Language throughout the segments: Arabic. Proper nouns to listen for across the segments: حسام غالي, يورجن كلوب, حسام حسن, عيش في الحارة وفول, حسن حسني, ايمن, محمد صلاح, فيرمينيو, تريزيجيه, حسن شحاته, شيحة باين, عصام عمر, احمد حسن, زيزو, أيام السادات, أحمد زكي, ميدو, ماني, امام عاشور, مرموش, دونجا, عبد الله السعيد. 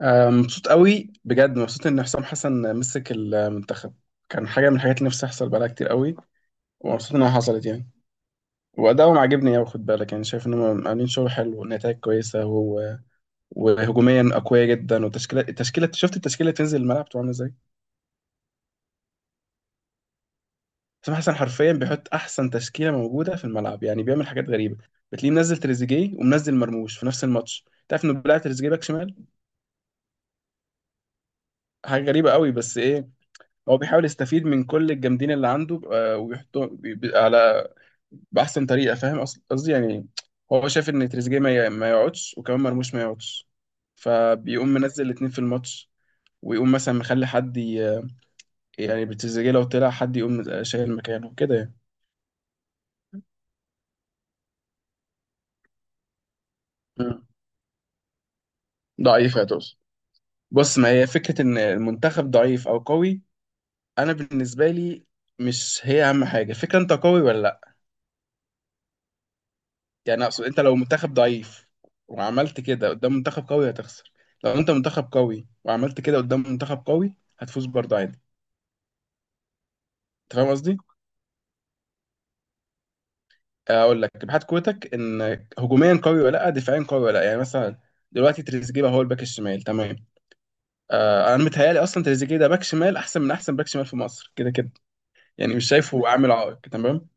آه، مبسوط قوي بجد مبسوط ان حسام حسن مسك المنتخب. كان حاجه من الحاجات اللي نفسي تحصل بقالها كتير قوي. ومبسوط انها حصلت يعني. وادائهم عاجبني قوي. خد بالك يعني شايف انهم عاملين شغل حلو ونتائج كويسه. وهجوميا اقوياء جدا. وتشكيله التشكيله شفت التشكيله اللي تنزل الملعب بتبقى عامله ازاي. حسام حسن حرفيا بيحط احسن تشكيله موجوده في الملعب، يعني بيعمل حاجات غريبه. بتلاقيه منزل تريزيجيه ومنزل مرموش في نفس الماتش. تعرف انه بيلعب تريزيجيه باك شمال، حاجه غريبه قوي. بس ايه، هو بيحاول يستفيد من كل الجامدين اللي عنده، ويحطهم على بأحسن طريقة. فاهم قصدي يعني. هو شايف إن تريزيجيه ما يقعدش وكمان مرموش ما يقعدش، فبيقوم منزل الاتنين في الماتش. ويقوم مثلا مخلي يعني بتريزيجيه لو طلع حد يقوم شايل مكانه كده يعني. مم. ضعيف يا توس. بص، ما هي فكرة إن المنتخب ضعيف أو قوي. أنا بالنسبة لي مش هي أهم حاجة فكرة أنت قوي ولا لأ. يعني اقصد، انت لو منتخب ضعيف وعملت كده قدام منتخب قوي هتخسر. لو انت منتخب قوي وعملت كده قدام منتخب قوي هتفوز برضه عادي. انت فاهم قصدي. اقول لك ابحاث قوتك، ان هجوميا قوي ولا لا، دفاعيا قوي ولا لا. يعني مثلا دلوقتي تريزيجيه هو الباك الشمال، تمام؟ آه، انا متهيالي اصلا تريزيجيه ده باك شمال احسن من احسن باك شمال في مصر كده كده. يعني مش شايفه عامل عائق، تمام.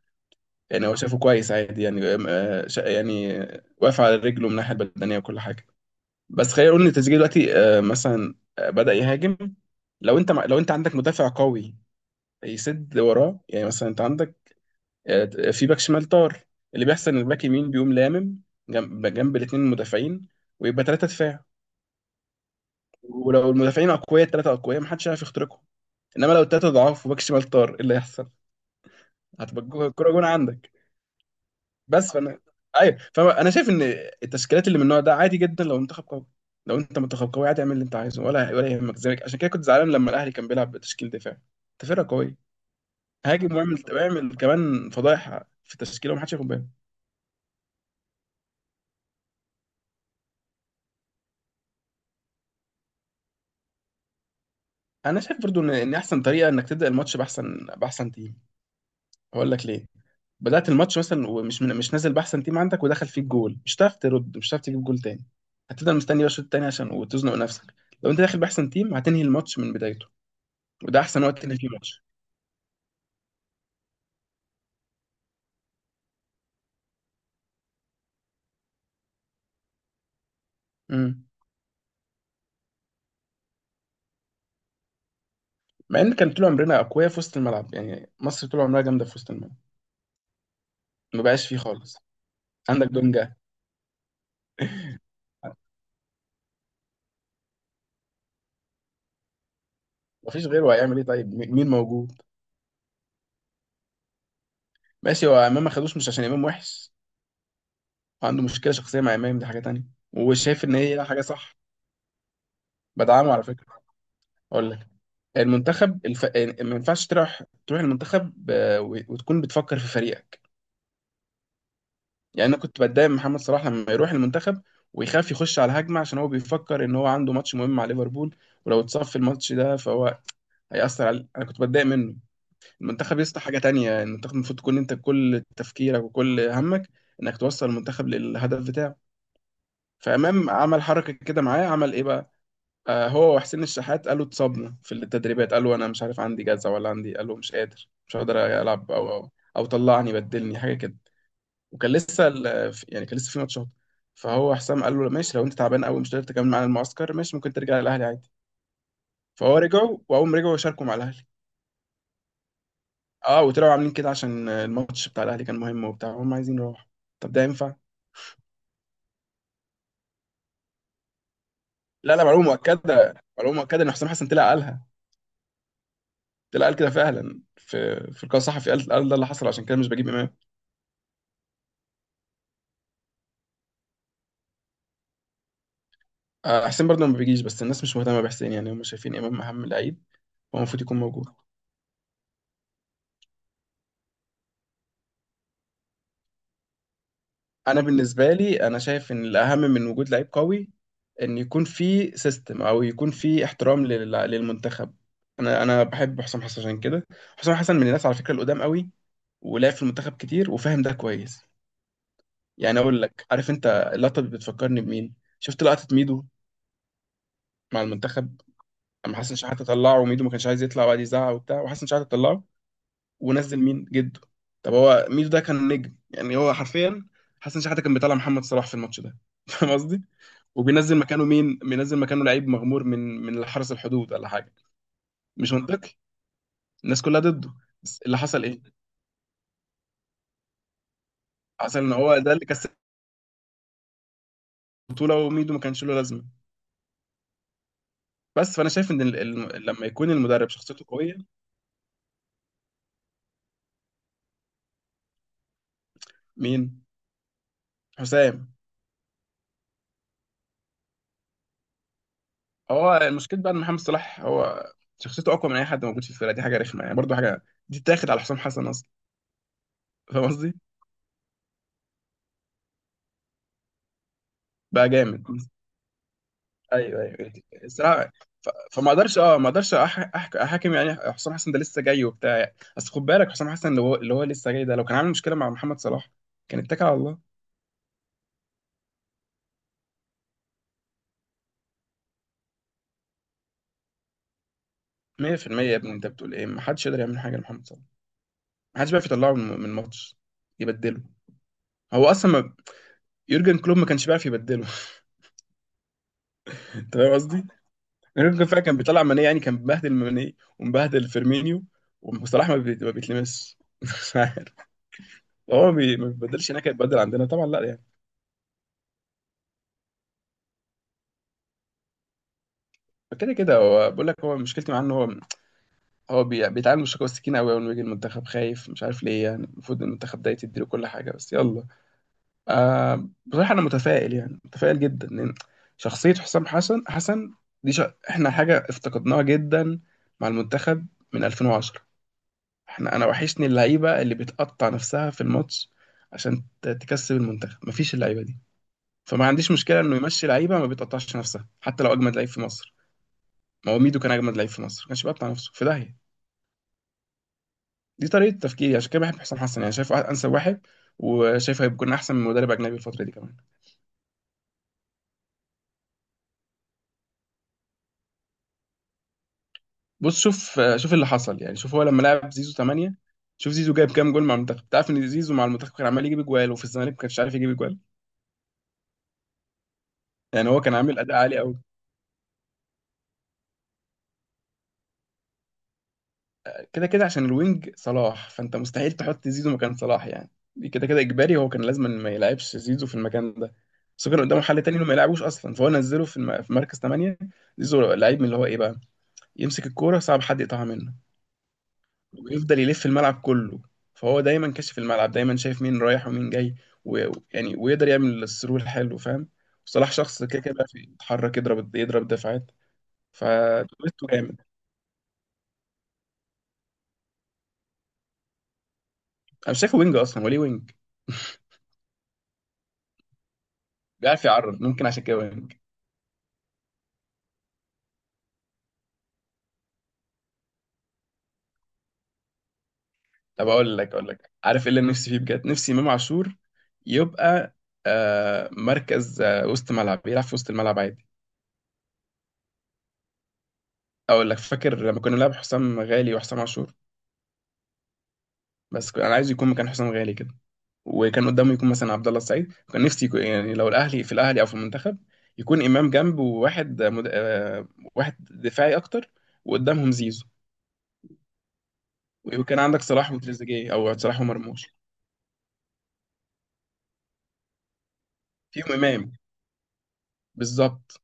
يعني هو شايفه كويس عادي يعني. آه شا- يعني واقف على رجله من الناحيه البدنيه وكل حاجه. بس خلينا نقول ان تريزيجيه دلوقتي، مثلا، بدأ يهاجم. لو انت عندك مدافع قوي يسد وراه. يعني مثلا انت عندك، في باك شمال طار. اللي بيحصل ان الباك يمين بيقوم لامم جنب جنب الاثنين المدافعين، ويبقى ثلاثه دفاع. ولو المدافعين اقوياء، الثلاثه اقوياء، محدش هيعرف يخترقهم. انما لو الثلاثه ضعاف وباك شمال طار، ايه اللي هيحصل؟ هتبقى الكوره جون عندك. بس فانا ايوه، فانا شايف ان التشكيلات اللي من النوع ده عادي جدا لو منتخب قوي. لو انت منتخب قوي عادي اعمل اللي انت عايزه، ولا يهمك ذلك. عشان كده كنت زعلان لما الاهلي كان بيلعب بتشكيل دفاعي. انت فرقه قويه، هاجم واعمل واعمل كمان فضايح في التشكيله ومحدش ياخد باله. انا شايف برضو ان احسن طريقه انك تبدا الماتش باحسن تيم. هقول لك ليه. بدات الماتش مثلا مش نازل باحسن تيم عندك، ودخل فيك جول، مش هتعرف ترد، مش هتعرف تجيب جول تاني. هتفضل مستني بقى الشوط التاني عشان وتزنق نفسك. لو انت داخل باحسن تيم هتنهي الماتش من بدايته. وده احسن وقت اللي فيه ماتش. امم. مع ان كان طول عمرنا اقوياء في وسط الملعب، يعني مصر طول عمرها جامده في وسط الملعب. ما بقاش فيه خالص. عندك دونجا، مفيش غيره هيعمل ايه؟ طيب مين موجود؟ ماشي. هو امام ما خدوش مش عشان امام وحش، وعنده مشكله شخصيه مع امام، دي حاجه تانية. وشايف ان هي حاجه صح. بدعمه على فكره. اقول لك، المنتخب الف... ما ينفعش تروح وتكون بتفكر في فريقك. يعني انا كنت بتضايق من محمد صلاح لما يروح المنتخب ويخاف يخش على هجمه، عشان هو بيفكر ان هو عنده ماتش مهم مع ليفربول، ولو اتصاب في الماتش ده فهو هيأثر على، انا كنت بتضايق منه. المنتخب يسطا حاجه تانية. المنتخب المفروض تكون انت كل تفكيرك وكل همك انك توصل المنتخب للهدف بتاعه. فامام عمل حركه كده معاه، عمل ايه بقى؟ آه، هو وحسين الشحات قالوا اتصابنا في التدريبات. قالوا انا مش عارف عندي جزع ولا عندي، قالوا مش قادر مش هقدر العب او طلعني بدلني حاجه كده. يعني كان لسه في ماتشات. فهو حسام قال له ماشي لو انت تعبان قوي مش قادر تكمل معانا المعسكر، ماشي ممكن ترجع الاهلي عادي. فهو رجعوا، واول ما رجعوا شاركوا مع الاهلي. اه، وطلعوا عاملين كده عشان الماتش بتاع الاهلي كان مهم، وبتاع هم عايزين يروحوا. طب ده ينفع؟ لا لا، معلومه مؤكده، ان حسام حسن طلع قالها. طلع قال كده فعلا في لقاء صحفي، قال ده اللي حصل عشان كده مش بجيب امام. آه، حسين برضه ما بيجيش، بس الناس مش مهتمه بحسين، يعني هم شايفين امام اهم لعيب. هو المفروض يكون موجود. انا بالنسبه لي، انا شايف ان الاهم من وجود لعيب قوي، ان يكون في سيستم او يكون في احترام للمنتخب. انا بحب حسام حسن عشان كده. حسام حسن من الناس على فكره القدام قوي، ولعب في المنتخب كتير وفاهم ده كويس. يعني اقول لك، عارف انت اللقطه دي بتفكرني بمين؟ شفت لقطه ميدو مع المنتخب، اما حسن شحاته طلعه وميدو ما كانش عايز يطلع، وقعد يزعق وبتاع، وحسن شحاته طلعه ونزل مين جده. طب هو ميدو ده كان نجم، يعني هو حرفيا حسن شحاته كان بيطلع محمد صلاح في الماتش ده فاهم قصدي. وبينزل مكانه مين؟ بينزل مكانه لعيب مغمور من حرس الحدود ولا حاجه. مش منطقي، الناس كلها ضده. بس اللي حصل ايه؟ حصل ان هو ده اللي كسب البطوله، وميدو ما كانش له لازمه. بس فانا شايف ان لما يكون المدرب شخصيته قويه. مين؟ حسام. هو المشكله بقى ان محمد صلاح هو شخصيته اقوى من اي حد موجود في الفرقه، دي حاجه رخمه يعني برضه، حاجه دي تاخد على حسام حسن اصلا. فاهم قصدي؟ بقى جامد. ايوه ايوه، الصراحه. فما اقدرش، اه ما اقدرش احاكم يعني حسام حسن، ده لسه جاي وبتاع يعني. اصل خد بالك حسام حسن اللي هو لسه جاي ده لو كان عامل مشكله مع محمد صلاح كان اتكل على الله. 100% يا ابني انت بتقول ايه؟ ما حدش يقدر يعمل حاجه لمحمد صلاح. ما حدش بيعرف يطلعه من الماتش يبدله. هو اصلا ما... يورجن كلوب ما كانش بيعرف يبدله انت فاهم قصدي؟ يورجن فعلا كان بيطلع ماني، يعني كان بيبهدل ماني ومبهدل فيرمينيو، وصلاح ما بيتلمسش مش عارف. ما بيبدلش هناك هيتبدل عندنا، طبعا لا يعني. كده كده هو بقول لك، هو مشكلتي معاه ان هو، بيتعامل من الشكوى السكينه قوي، اول ما يجي المنتخب خايف مش عارف ليه، يعني المفروض المنتخب ده يتديله كل حاجه بس يلا. آه، بصراحه انا متفائل، يعني متفائل جدا ان شخصيه حسام حسن دي ش... احنا حاجه افتقدناها جدا مع المنتخب من 2010. انا وحشني اللعيبه اللي بتقطع نفسها في الماتش عشان تكسب المنتخب، مفيش اللعيبه دي. فما عنديش مشكله انه يمشي لعيبه ما بتقطعش نفسها حتى لو اجمد لعيب في مصر. ما هو ميدو كان اجمد لعيب في مصر، ما كانش بيقطع نفسه في داهيه. دي طريقة تفكيري، عشان كده بحب حسام حسن، يعني شايفه أنسب واحد وشايف هيكون أحسن من مدرب أجنبي الفترة دي كمان. بص شوف شوف اللي حصل، يعني شوف هو لما لعب زيزو 8، شوف زيزو جايب كام جول مع المنتخب. تعرف إن زيزو مع المنتخب كان عمال يجيب أجوال، وفي الزمالك ما كانش عارف يجيب أجوال. يعني هو كان عامل أداء عالي أوي. كده كده عشان الوينج صلاح، فأنت مستحيل تحط زيزو مكان صلاح يعني. دي كده كده إجباري، هو كان لازم ما يلعبش زيزو في المكان ده. بس هو كان قدامه حل تاني إنه ما يلعبوش أصلا، فهو نزله في مركز 8. زيزو لعيب من اللي هو إيه بقى، يمسك الكورة صعب حد يقطعها منه، ويفضل يلف الملعب كله، فهو دايما كاشف الملعب، دايما شايف مين رايح ومين جاي. ويعني ويقدر يعمل الثرو الحلو، فاهم؟ وصلاح شخص كده كده بيعرف يتحرك يضرب يضرب دفاعات. فدويتو جامد. انا مش شايفه وينج اصلا، وليه وينج؟ بيعرف يعرض، ممكن عشان كده وينج. طب اقول لك، عارف ايه اللي نفسي فيه بجد؟ نفسي امام عاشور يبقى، مركز، وسط ملعب، يلعب في وسط الملعب عادي. اقول لك فاكر لما كنا بنلعب حسام غالي وحسام عاشور. انا عايز يكون مكان حسام غالي كده، وكان قدامه يكون مثلا عبد الله السعيد. كان نفسي يكون يعني لو الاهلي، في الاهلي او في المنتخب، يكون امام جنبه وواحد مد... آه، واحد دفاعي اكتر، وقدامهم زيزو. وكان عندك صلاح وتريزيجيه او صلاح ومرموش. فيهم امام. بالظبط.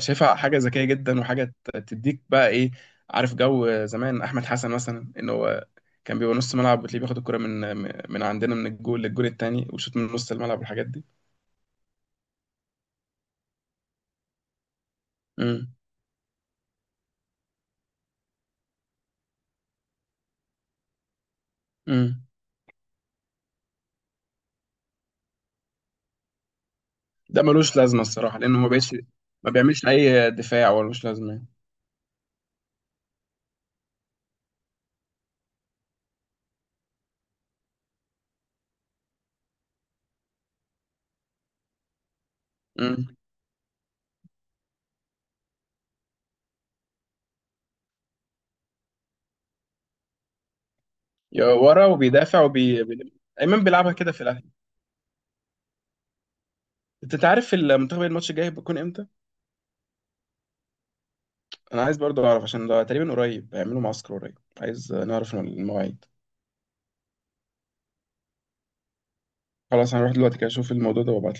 شايفها حاجه ذكيه جدا، وحاجه تديك بقى ايه. عارف جو زمان احمد حسن مثلا ان هو كان بيبقى نص ملعب، وتلاقيه بياخد الكرة من عندنا من الجول للجول التاني، وشوط من نص الملعب والحاجات دي. امم. امم. ده ملوش لازمه الصراحه لانه ما بقتش، ما بيعملش اي دفاع، ولا ملوش لازمه يعني. امم. يا ورا وبيدافع ايمن بيلعبها كده في الاهلي. انت عارف المنتخب الماتش الجاي بيكون امتى؟ انا عايز برضو اعرف عشان ده تقريبا قريب، هيعملوا معسكر قريب، عايز نعرف المواعيد. خلاص هنروح دلوقتي كده اشوف الموضوع ده وابعت.